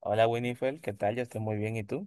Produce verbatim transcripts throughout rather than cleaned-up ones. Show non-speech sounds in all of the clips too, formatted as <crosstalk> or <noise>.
Hola Winifred, ¿qué tal? Yo estoy muy bien, ¿y tú?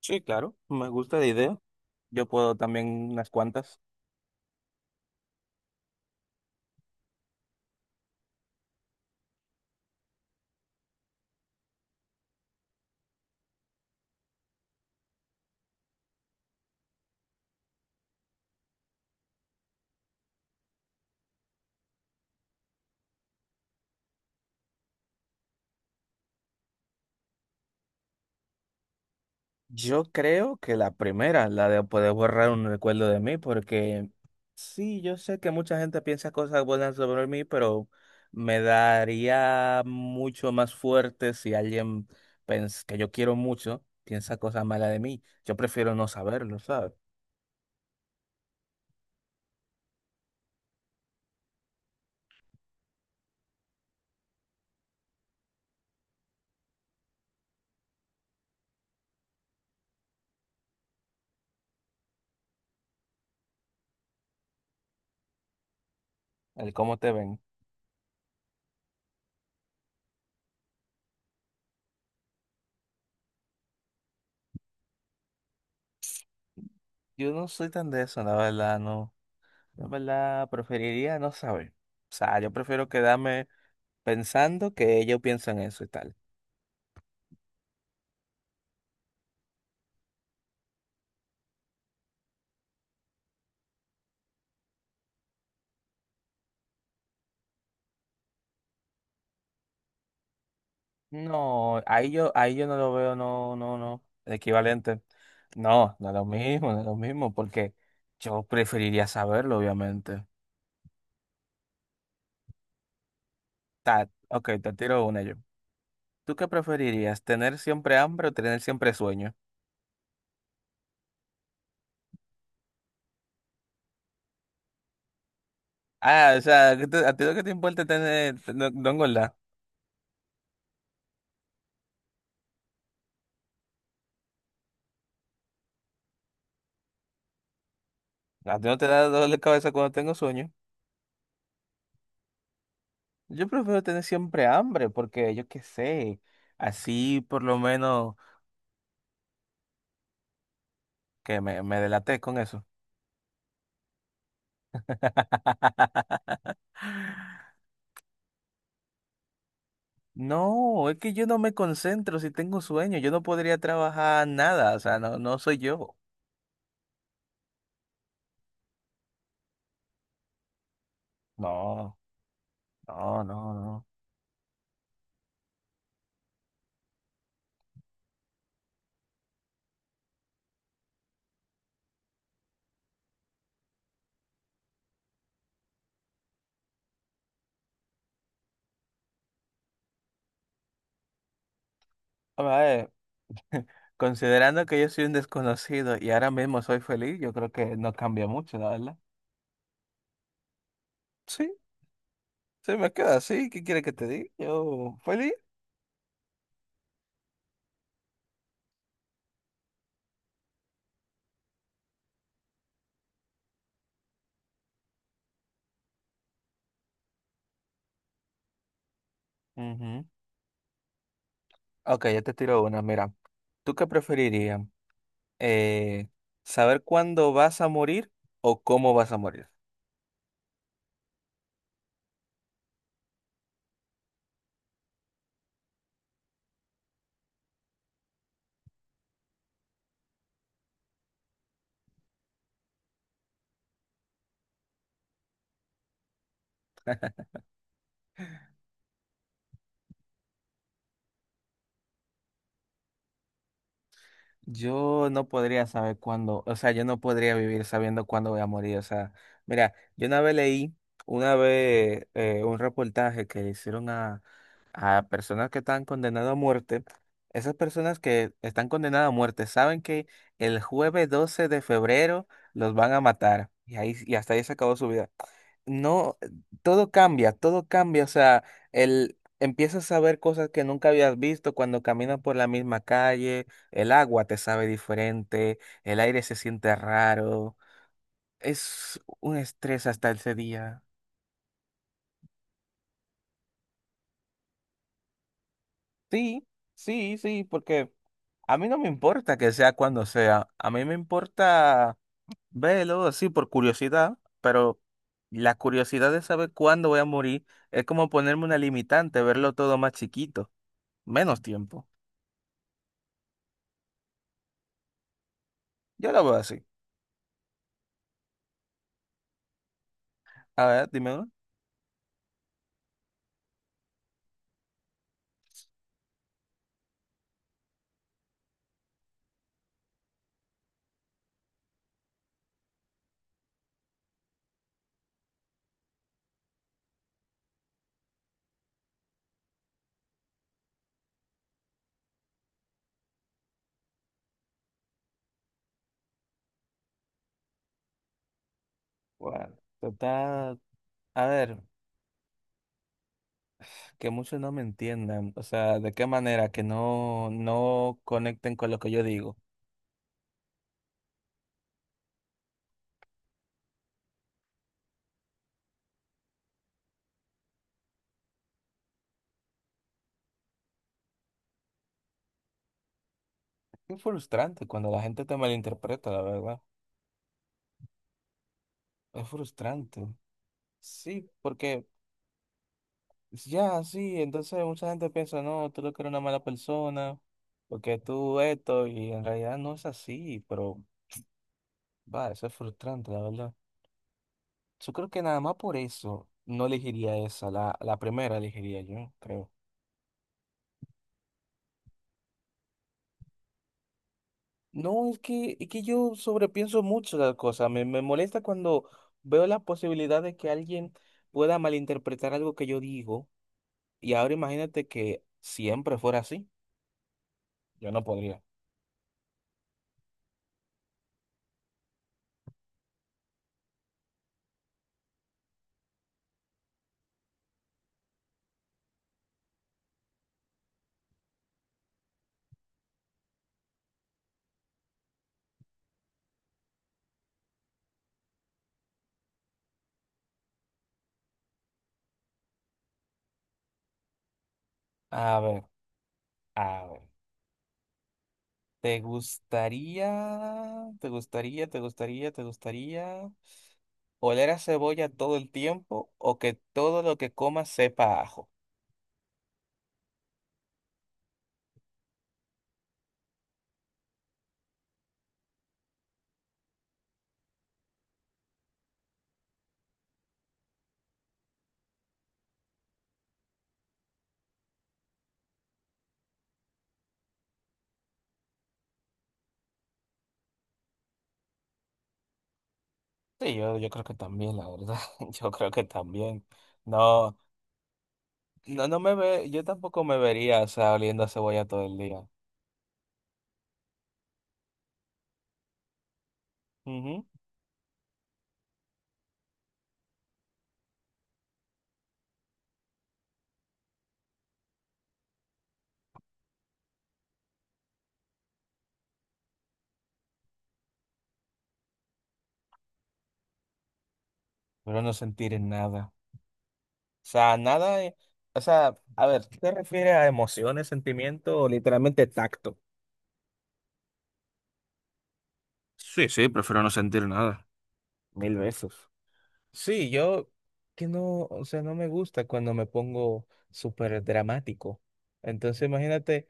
Sí, claro, me gusta la idea. Yo puedo también unas cuantas. Yo creo que la primera, la de poder borrar un recuerdo de mí, porque sí, yo sé que mucha gente piensa cosas buenas sobre mí, pero me daría mucho más fuerte si alguien pens- que yo quiero mucho piensa cosas malas de mí. Yo prefiero no saberlo, ¿sabes? El cómo te ven. Yo no soy tan de eso, la verdad, no. Yo, en verdad, preferiría no saber. O sea, yo prefiero quedarme pensando que ellos piensan eso y tal. No, ahí yo, ahí yo no lo veo, no, no, no, equivalente. No, no es lo mismo, no es lo mismo, porque yo preferiría saberlo, obviamente. Ta, ok, te tiro una yo. ¿Tú qué preferirías? ¿Tener siempre hambre o tener siempre sueño? Ah, o sea, ¿qué te- ¿a ti lo que te importa es tener, no, no engordar? A ti no te da dolor de cabeza cuando tengo sueño. Yo prefiero tener siempre hambre porque yo qué sé, así por lo menos que me, me delaté con eso. No, es que yo no me concentro si tengo sueño, yo no podría trabajar nada, o sea, no, no soy yo. No, no, no, no. A ver, <laughs> considerando que yo soy un desconocido y ahora mismo soy feliz, yo creo que no cambia mucho, la verdad. Sí, se me queda así, ¿qué quiere que te diga? Yo, feliz. Ujú. Ok, ya te tiro una, mira. ¿Tú qué preferirías? eh, Saber cuándo vas a morir o cómo vas a morir. Yo no podría saber cuándo, o sea, yo no podría vivir sabiendo cuándo voy a morir. O sea, mira, yo una vez leí, una vez eh, un reportaje que le hicieron a, a personas que están condenadas a muerte. Esas personas que están condenadas a muerte saben que el jueves doce de febrero los van a matar. Y ahí, y hasta ahí se acabó su vida. No, todo cambia, todo cambia, o sea, el, empiezas a ver cosas que nunca habías visto cuando caminas por la misma calle, el agua te sabe diferente, el aire se siente raro, es un estrés hasta ese día. Sí, sí, sí, porque a mí no me importa que sea cuando sea, a mí me importa verlo, sí, por curiosidad, pero la curiosidad de saber cuándo voy a morir es como ponerme una limitante, verlo todo más chiquito. Menos tiempo. Yo lo veo así. A ver, dime uno. Bueno, total, a ver, que muchos no me entiendan, o sea, de qué manera que no, no conecten con lo que yo digo. Es frustrante cuando la gente te malinterpreta, la verdad. Es frustrante. Sí, porque ya, sí, entonces mucha gente piensa, no, tú lo que eres una mala persona, porque tú esto, y en realidad no es así, pero va, eso es frustrante, la verdad. Yo creo que nada más por eso no elegiría esa, la, la primera elegiría yo, creo. No, es que, es que yo sobrepienso mucho las cosas. Me, me molesta cuando veo la posibilidad de que alguien pueda malinterpretar algo que yo digo. Y ahora imagínate que siempre fuera así. Yo no podría. A ver, a ver. ¿Te gustaría, te gustaría, te gustaría, te gustaría oler a cebolla todo el tiempo o que todo lo que comas sepa a ajo? Sí, yo, yo creo que también, la verdad. <laughs> Yo creo que también. No, no, no me ve, yo tampoco me vería, o sea, oliendo a cebolla todo el día. Ujú. Pero no sentir nada. O sea, nada, eh, o sea, a ver, ¿qué ¿te refieres a emociones, sentimiento o literalmente tacto? Sí, sí, prefiero no sentir nada. Mil besos. Sí, yo que no, o sea, no me gusta cuando me pongo súper dramático. Entonces, imagínate.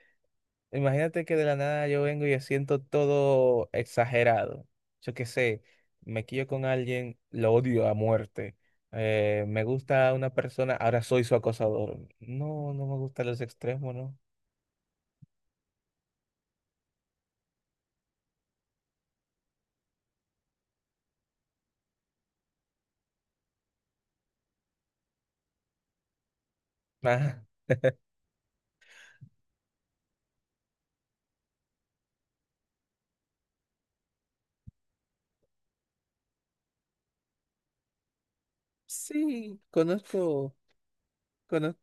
Imagínate que de la nada yo vengo y yo siento todo exagerado. Yo qué sé, me quillo con alguien, lo odio a muerte. Eh, me gusta una persona, ahora soy su acosador. No, no me gustan los extremos, ¿no? <laughs> Ah, sí, conozco, conozco.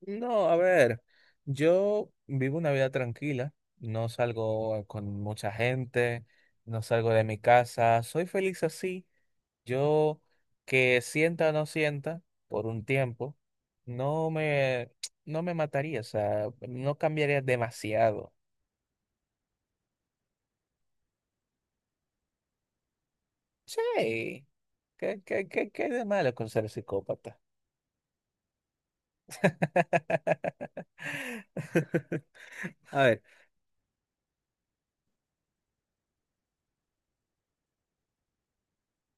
No, a ver, yo vivo una vida tranquila, no salgo con mucha gente, no salgo de mi casa, soy feliz así. Yo que sienta o no sienta por un tiempo, no me, no me mataría, o sea, no cambiaría demasiado. Sí, ¿qué, qué, qué, qué de malo con ser psicópata? <laughs> A ver,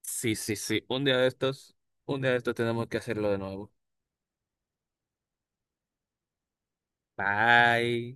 sí, sí, sí, un día de estos, un día de estos tenemos que hacerlo de nuevo. <laughs> Bye.